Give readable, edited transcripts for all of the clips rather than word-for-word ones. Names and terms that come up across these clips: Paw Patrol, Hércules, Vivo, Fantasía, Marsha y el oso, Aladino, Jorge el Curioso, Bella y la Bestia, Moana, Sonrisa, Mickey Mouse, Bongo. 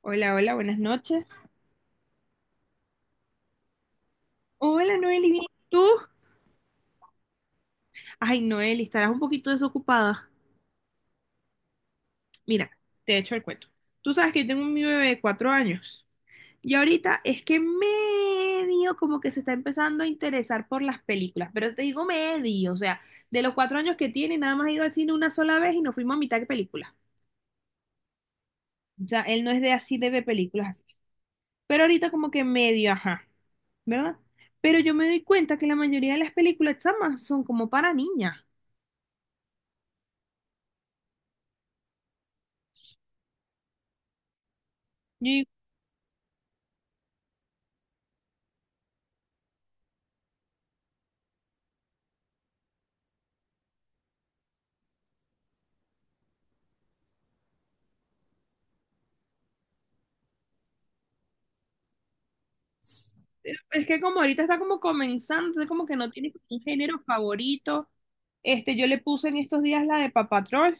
Hola, hola, buenas noches. Hola, Noeli, ¿bien? ¿Y tú? Ay, Noeli, estarás un poquito desocupada. Mira, te echo el cuento. Tú sabes que yo tengo mi bebé de 4 años y ahorita es que medio como que se está empezando a interesar por las películas, pero te digo medio, o sea, de los 4 años que tiene, nada más ha ido al cine una sola vez y nos fuimos a mitad de película. O sea, él no es de así de ver películas así. Pero ahorita como que medio, ajá, ¿verdad? Pero yo me doy cuenta que la mayoría de las películas chamas son como para niñas. Es que como ahorita está como comenzando, entonces como que no tiene como un género favorito. Yo le puse en estos días la de Paw Patrol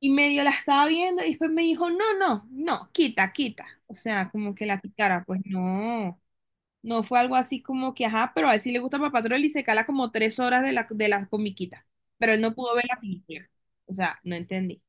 y medio la estaba viendo y después me dijo, no, no, no, quita, quita. O sea, como que la quitara, pues no. No fue algo así como que, ajá, pero a él sí le gusta Paw Patrol y se cala como 3 horas de la comiquita. Pero él no pudo ver la película. O sea, no entendí.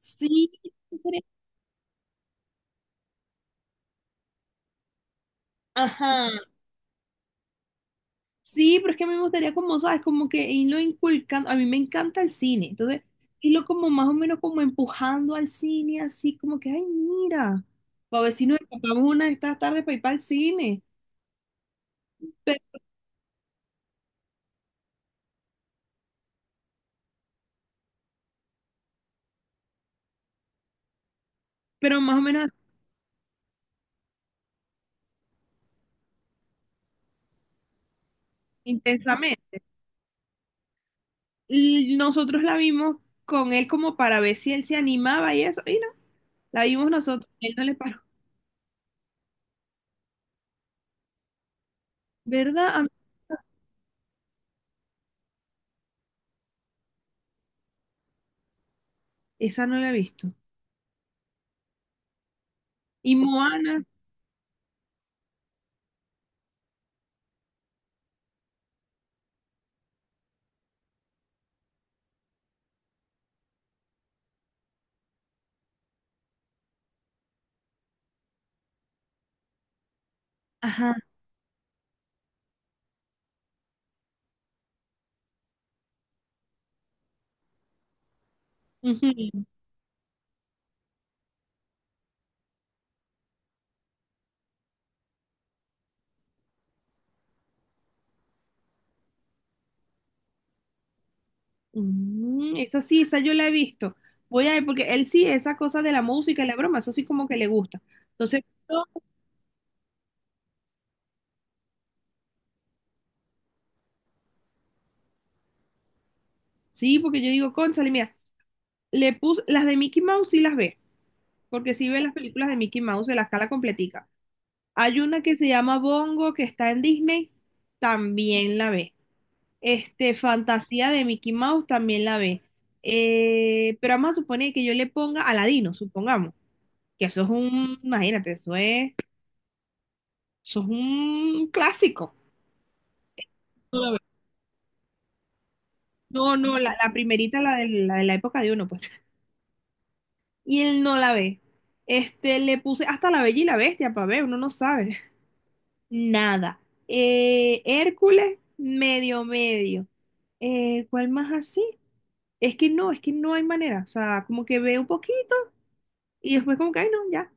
Sí, ajá. Sí, pero es que a mí me gustaría como, ¿sabes? Como que irlo inculcando, a mí me encanta el cine, entonces irlo como más o menos como empujando al cine, así como que, ay, mira, para ver si nos escapamos una de estas tardes para ir para el cine, pero, pero más o menos intensamente. Y nosotros la vimos con él como para ver si él se animaba y eso, y no, la vimos nosotros, él no le paró, ¿verdad? Esa no la he visto. Y Moana, ajá, ujú. Esa sí, esa yo la he visto. Voy a ver, porque él sí, esa cosa de la música y la broma, eso sí como que le gusta. Entonces, no, sí, porque yo digo, cónchale, mira, le puse, las de Mickey Mouse sí las ve, porque sí ve las películas de Mickey Mouse de la escala completica. Hay una que se llama Bongo, que está en Disney, también la ve. Fantasía de Mickey Mouse también la ve. Pero vamos a suponer que yo le ponga Aladino, supongamos, que eso es un, imagínate, eso es un clásico. No la ve. No, no, la primerita, la de la época de uno, pues. Y él no la ve. Le puse hasta la Bella y la Bestia para ver, uno no sabe. Nada. Hércules, medio, medio. ¿Cuál más así? Es que no hay manera. O sea, como que veo un poquito y después como que, ay, no, ya.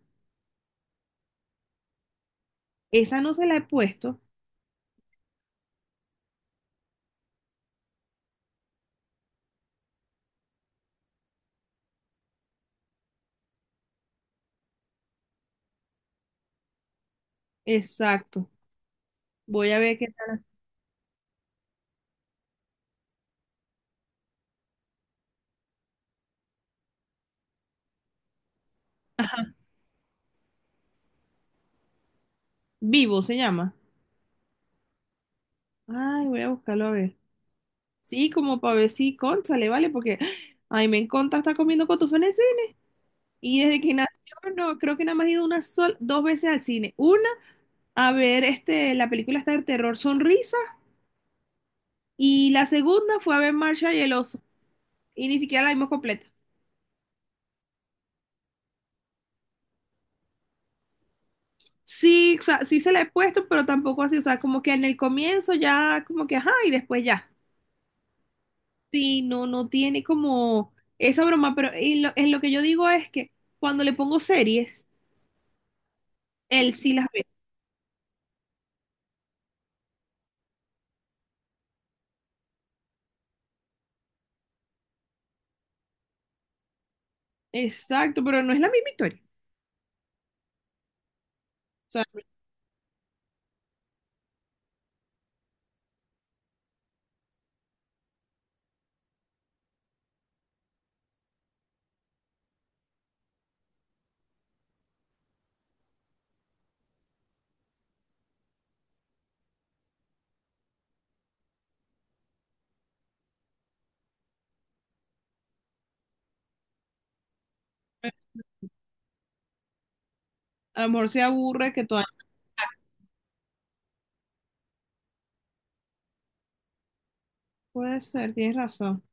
Esa no se la he puesto. Exacto. Voy a ver qué tal. Ajá. Vivo se llama. Ay, voy a buscarlo a ver. Sí, como para ver si, cónchale, ¿vale? Porque, ay, me encanta estar comiendo cotufanés y desde que nació, no, creo que nada más he ido una sola, dos veces al cine. Una, a ver la película está de terror Sonrisa y la segunda fue a ver Marsha y el oso y ni siquiera la vimos completa. Sí, o sea, sí se la he puesto, pero tampoco así, o sea, como que en el comienzo ya, como que, ajá, y después ya. Sí, no, no tiene como esa broma, pero en lo que yo digo es que cuando le pongo series, él sí las ve. Exacto, pero no es la misma historia. O sea, a lo mejor se aburre que todavía no puede ser, tienes razón.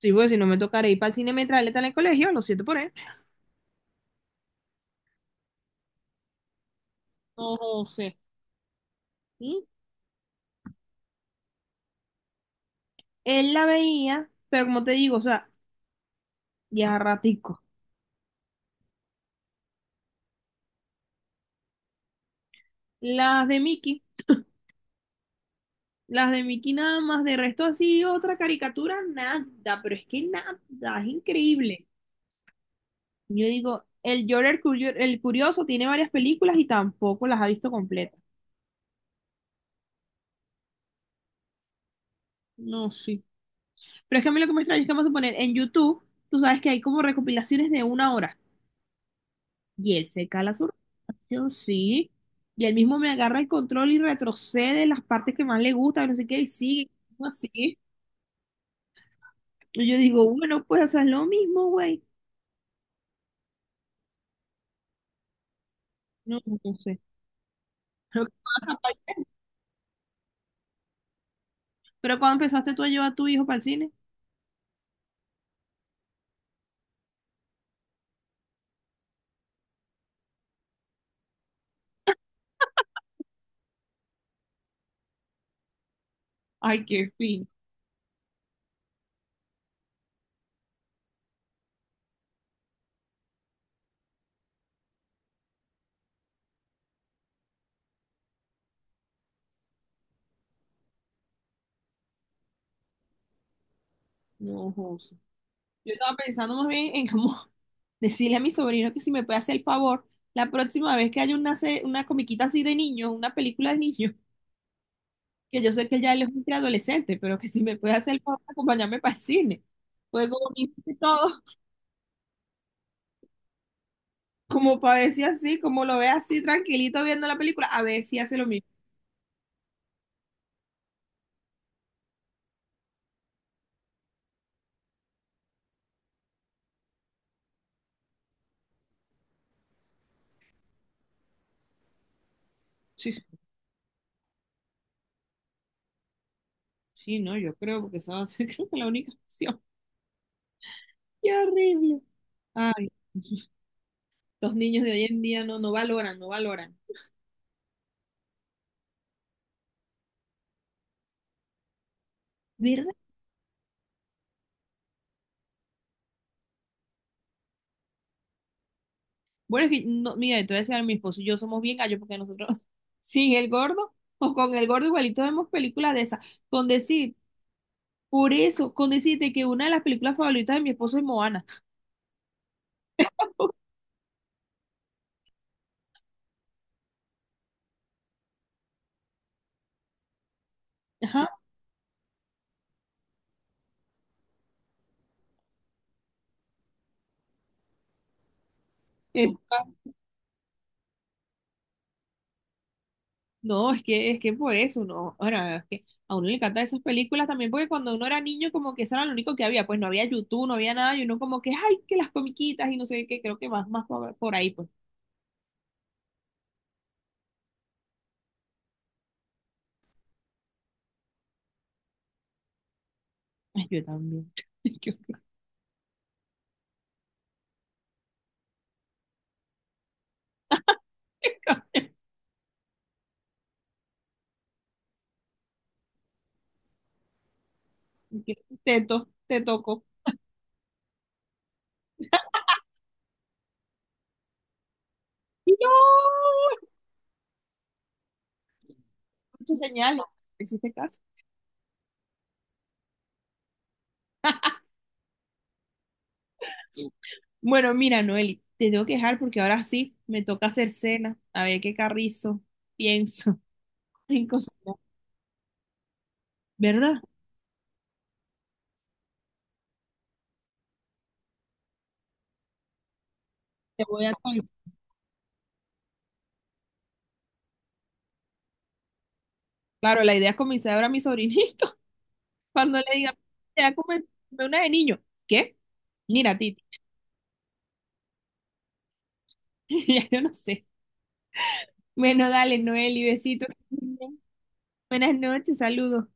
Sí, pues si no me tocaré ir para el cine mientras él está en el colegio, lo siento por él. No sé. ¿Mm? Él la veía, pero como te digo, o sea, ya ratico. Las de Mickey, las de Mickey nada más, de resto así, otra caricatura, nada, pero es que nada, es increíble. Yo digo, el Jorge el Curioso tiene varias películas y tampoco las ha visto completas. No, sí. Pero es que a mí lo que me extraña es que vamos a poner en YouTube, tú sabes que hay como recopilaciones de 1 hora. Y él se cala su recopilación, sí. Y él mismo me agarra el control y retrocede las partes que más le gustan, no sé qué, y sigue así. Y yo digo, bueno, pues, o sea, es lo mismo, güey. No, no sé. Pero, pero cuando empezaste tú a llevar a tu hijo para el cine, ay, qué fin. No, José. Yo estaba pensando más bien en cómo decirle a mi sobrino que si me puede hacer el favor, la próxima vez que haya una, una comiquita así de niños, una película de niños que yo sé que ya él es un preadolescente, pero que si me puede hacer el favor de acompañarme para el cine. Pues como me dice todo, como para ver si así, como lo ve así tranquilito viendo la película, a ver si hace lo mismo. Sí, sí, sí, no, yo creo, porque esa va a ser creo que la única opción. Qué horrible. Ay, los niños de hoy en día no, no valoran, no valoran. ¿Verdad? Bueno, es que, no, mira, entonces a mi esposo y yo somos bien gallos porque nosotros, sin el gordo o con el gordo igualito vemos películas de esas, con decir. Por eso, con decirte que una de las películas favoritas de mi esposo es Moana. Ajá. es- no, es que, por eso, no. Ahora, es que a uno le encantan esas películas también, porque cuando uno era niño, como que eso era lo único que había. Pues no había YouTube, no había nada, y uno como que, ay, que las comiquitas y no sé qué, creo que más por ahí, pues. Ay, yo también. Yo- te toco. Y no, tu señal, no hiciste caso. Bueno, mira, Noeli, te tengo que dejar porque ahora sí me toca hacer cena, a ver qué carrizo pienso en cocinar, ¿verdad? Te voy a actualizar. Claro, la idea es comenzar ahora a mi sobrinito cuando le diga, te va a comer una de niño. ¿Qué? Mira, Titi, ya yo no sé. Bueno, dale, Noeli, besito. Buenas noches, saludos.